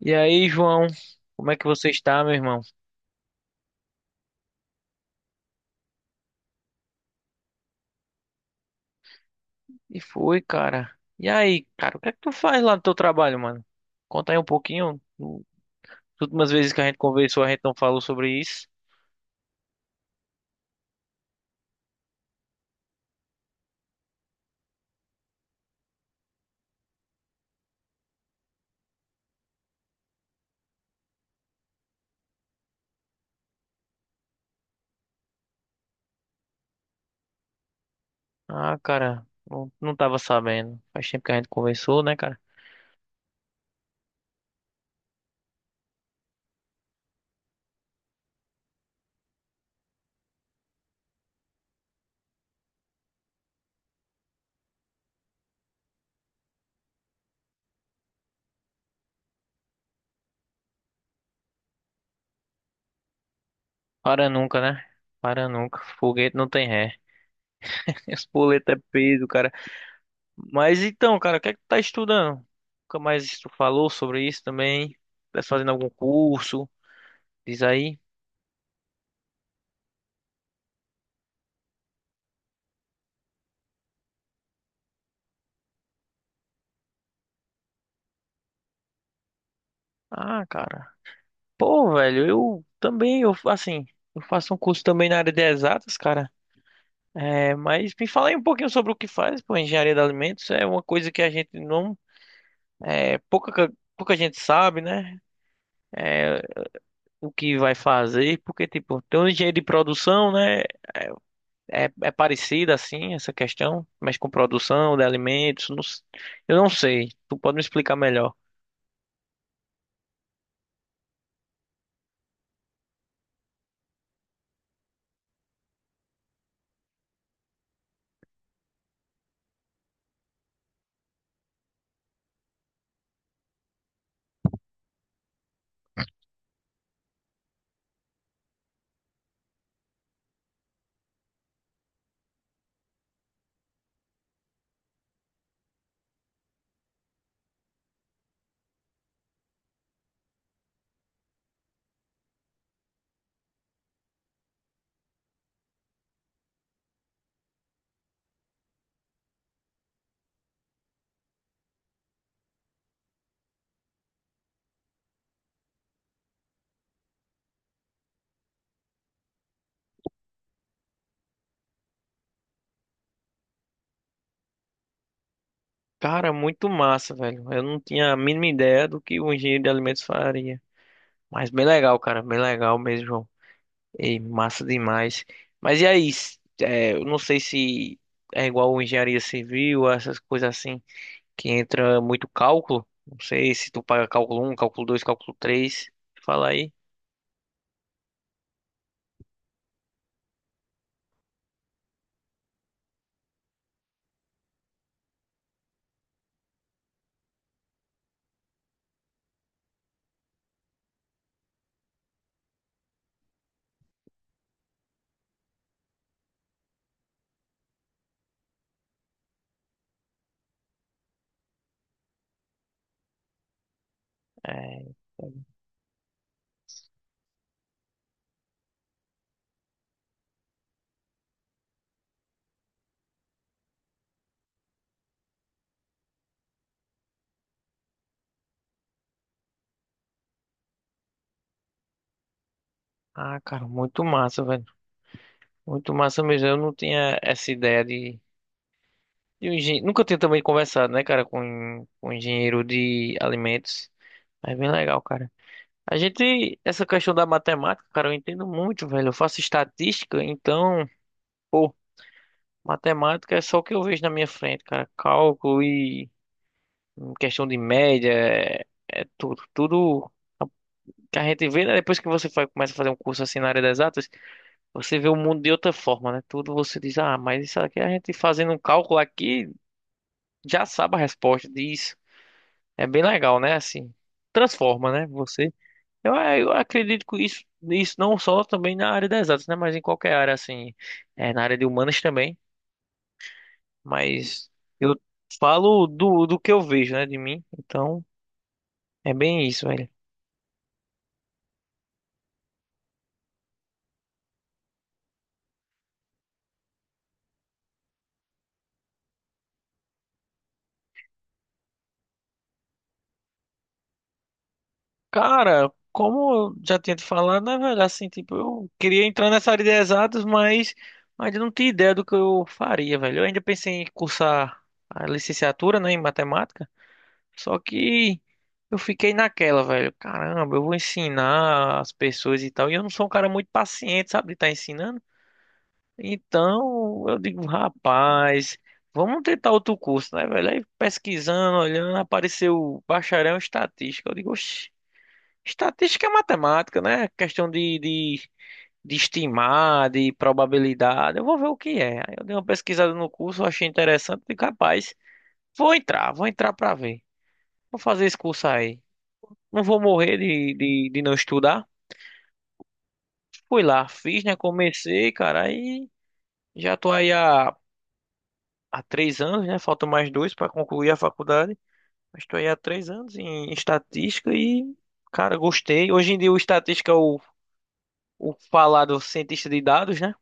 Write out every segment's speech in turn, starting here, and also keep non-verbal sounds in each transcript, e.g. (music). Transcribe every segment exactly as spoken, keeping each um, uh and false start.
E aí, João, como é que você está, meu irmão? E foi, cara. E aí, cara, o que é que tu faz lá no teu trabalho, mano? Conta aí um pouquinho. Nu- As últimas vezes que a gente conversou, a gente não falou sobre isso. Ah, cara, não, não tava sabendo. Faz tempo que a gente conversou, né, cara? Para nunca, né? Para nunca. Foguete não tem ré. (laughs) Esse boleto é peso, cara. Mas então, cara, o que é que tu tá estudando? Nunca mais tu falou sobre isso também? Tá fazendo algum curso? Diz aí. Ah, cara. Pô, velho, eu também, eu assim, eu faço um curso também na área de exatas, cara. É, mas me fala aí um pouquinho sobre o que faz, pô, engenharia de alimentos é uma coisa que a gente não, é, pouca, pouca gente sabe, né? É, o que vai fazer, porque tipo, tem um engenheiro de produção, né? É, é parecida assim essa questão, mas com produção de alimentos, não s- eu não sei. Tu pode me explicar melhor? Cara, muito massa, velho. Eu não tinha a mínima ideia do que o engenheiro de alimentos faria. Mas bem legal, cara, bem legal mesmo, João. E massa demais. Mas e aí? s- é, eu não sei se é igual engenharia civil, essas coisas assim, que entra muito cálculo. Não sei se tu paga cálculo um cálculo dois cálculo três. Fala aí. É. Ah, cara, muito massa, velho. Muito massa mesmo. Eu não tinha essa ideia de, de um engenheiro. Nunca tinha também conversado, né, cara, com, com um engenheiro de alimentos. É bem legal, cara. A gente, essa questão da matemática, cara, eu entendo muito, velho. Eu faço estatística, então, pô, matemática é só o que eu vejo na minha frente, cara. Cálculo e questão de média, é, é tudo. Tudo que a gente vê, né? Depois que você faz começa a fazer um curso assim na área das exatas, você vê o mundo de outra forma, né? Tudo você diz, ah, mas isso aqui a gente fazendo um cálculo aqui já sabe a resposta disso. É bem legal, né? Assim, transforma, né? Você. Eu, é, eu acredito que isso, isso não só também na área das exatas, né? Mas em qualquer área, assim, é, na área de humanas também. Mas eu falo do, do que eu vejo, né, de mim. Então, é bem isso, velho. Cara, como eu já tinha te falado, né, velho, assim, tipo, eu queria entrar nessa área de exatas, mas ainda não tinha ideia do que eu faria, velho. Eu ainda pensei em cursar a licenciatura, né, em matemática. Só que eu fiquei naquela, velho. Caramba, eu vou ensinar as pessoas e tal. E eu não sou um cara muito paciente, sabe, de estar ensinando. Então eu digo, rapaz, vamos tentar outro curso, né, velho? Aí pesquisando, olhando, apareceu bacharel em estatística. Eu digo, oxi, estatística é matemática, né? Questão de, de, de estimar, de probabilidade. Eu vou ver o que é. Aí eu dei uma pesquisada no curso, achei interessante. Digo, rapaz, vou entrar, vou entrar pra ver. Vou fazer esse curso aí. Não vou morrer de, de, de não estudar. Fui lá, fiz, né? Comecei, cara, aí já tô aí há, há três anos, né? Faltam mais dois para concluir a faculdade. Mas tô aí há três anos em, estatística e, cara, gostei. Hoje em dia o estatística é o, o falado cientista de dados, né?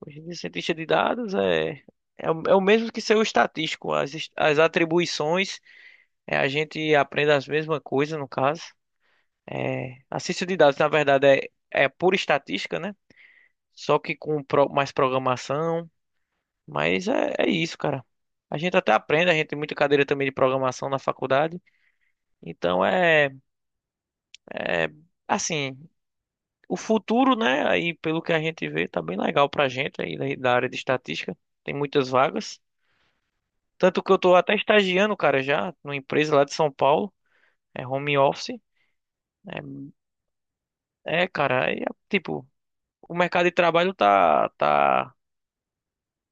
Hoje em dia cientista de dados é, é, o- é o mesmo que ser o estatístico. As, est- as atribuições, é, a gente aprende as mesmas coisas, no caso. É, a ciência de dados, na verdade, é, é por estatística, né? Só que com pro- mais programação. Mas é, é isso, cara. A gente até aprende, a gente tem muita cadeira também de programação na faculdade. Então é, é assim, o futuro, né? Aí pelo que a gente vê, tá bem legal pra gente aí da da área de estatística. Tem muitas vagas. Tanto que eu tô até estagiando, cara, já, numa empresa lá de São Paulo. É home office. É, é, cara, aí, é, tipo, o mercado de trabalho tá, tá,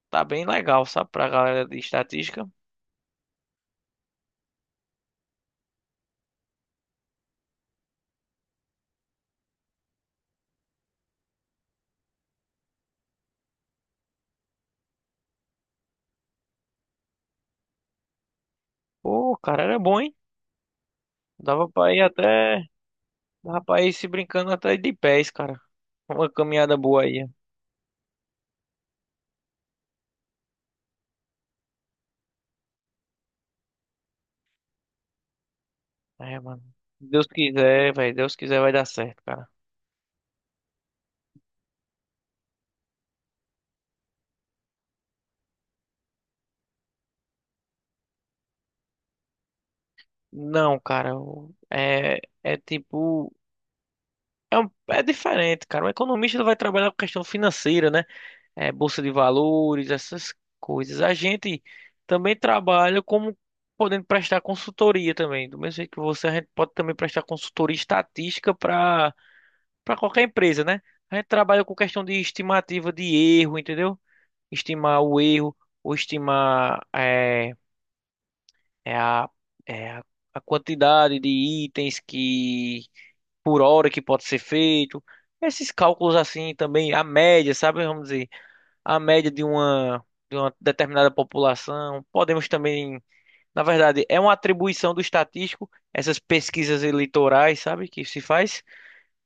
tá bem legal, sabe? Pra galera de estatística. Pô, cara, era bom, hein? Dava pra ir até. Dava pra ir se brincando até de pés, cara. Uma caminhada boa aí. É, mano. Deus quiser, velho. Deus quiser vai dar certo, cara. Não, cara. o- É, é tipo. É, um- é diferente, cara. O economista ele vai trabalhar com questão financeira, né? É, bolsa de valores, essas coisas. A gente também trabalha como podendo prestar consultoria também. Do mesmo jeito que você, a gente pode também prestar consultoria estatística para para qualquer empresa, né? A gente trabalha com questão de estimativa de erro, entendeu? Estimar o erro, ou estimar é, é a, é a a quantidade de itens que por hora que pode ser feito. Esses cálculos assim também, a média, sabe? Vamos dizer, a média de uma, de uma determinada população. Podemos também, na verdade, é uma atribuição do estatístico, essas pesquisas eleitorais, sabe? Que se faz.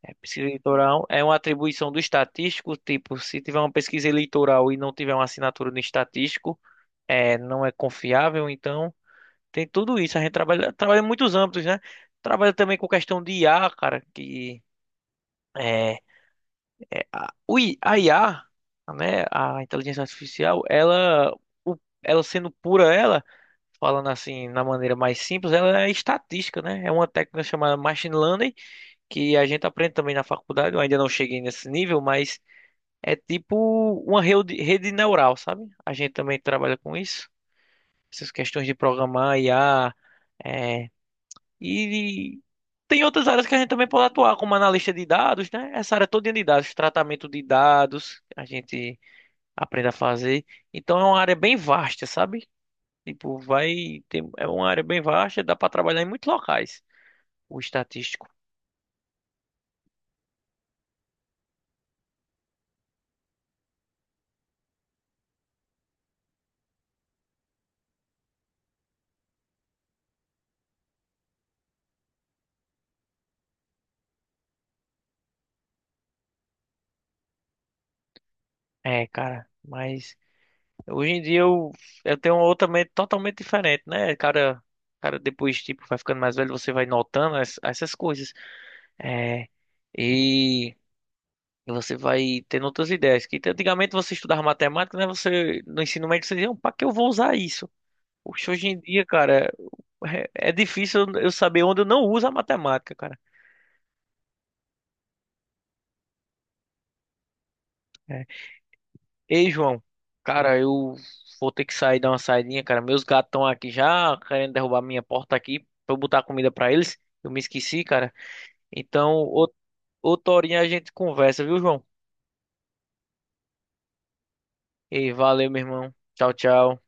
É, pesquisa eleitoral é uma atribuição do estatístico, tipo, se tiver uma pesquisa eleitoral e não tiver uma assinatura no estatístico, é, não é confiável, então tem tudo isso. A gente trabalha, trabalha em muitos âmbitos, né? Trabalha também com questão de I A, cara, que é, o I- a I A, né, a inteligência artificial, ela, o- ela sendo pura ela, falando assim, na maneira mais simples, ela é estatística, né? É uma técnica chamada machine learning, que a gente aprende também na faculdade, eu ainda não cheguei nesse nível, mas é tipo uma rede, rede neural, sabe? A gente também trabalha com isso. Essas questões de programar, I A, é, e tem outras áreas que a gente também pode atuar, como analista de dados, né? Essa área toda de dados, tratamento de dados, a gente aprende a fazer. Então é uma área bem vasta, sabe? Tipo, vai ter, é uma área bem vasta, dá para trabalhar em muitos locais, o estatístico. É, cara, mas hoje em dia eu, eu tenho uma outra mente totalmente diferente, né? Cara, cara, depois, tipo, vai ficando mais velho, você vai notando es- essas coisas. É, e você vai tendo outras ideias. Que antigamente você estudava matemática, né? Você, no ensino médio, você dizia, pra que eu vou usar isso? Poxa, hoje em dia, cara, é, é difícil eu saber onde eu não uso a matemática, cara. É, ei, João, cara, eu vou ter que sair dar uma saidinha, cara. Meus gatos estão aqui já querendo derrubar minha porta aqui pra eu botar comida pra eles. Eu me esqueci, cara. Então, ou- outra horinha a gente conversa, viu, João? Ei, valeu, meu irmão. Tchau, tchau.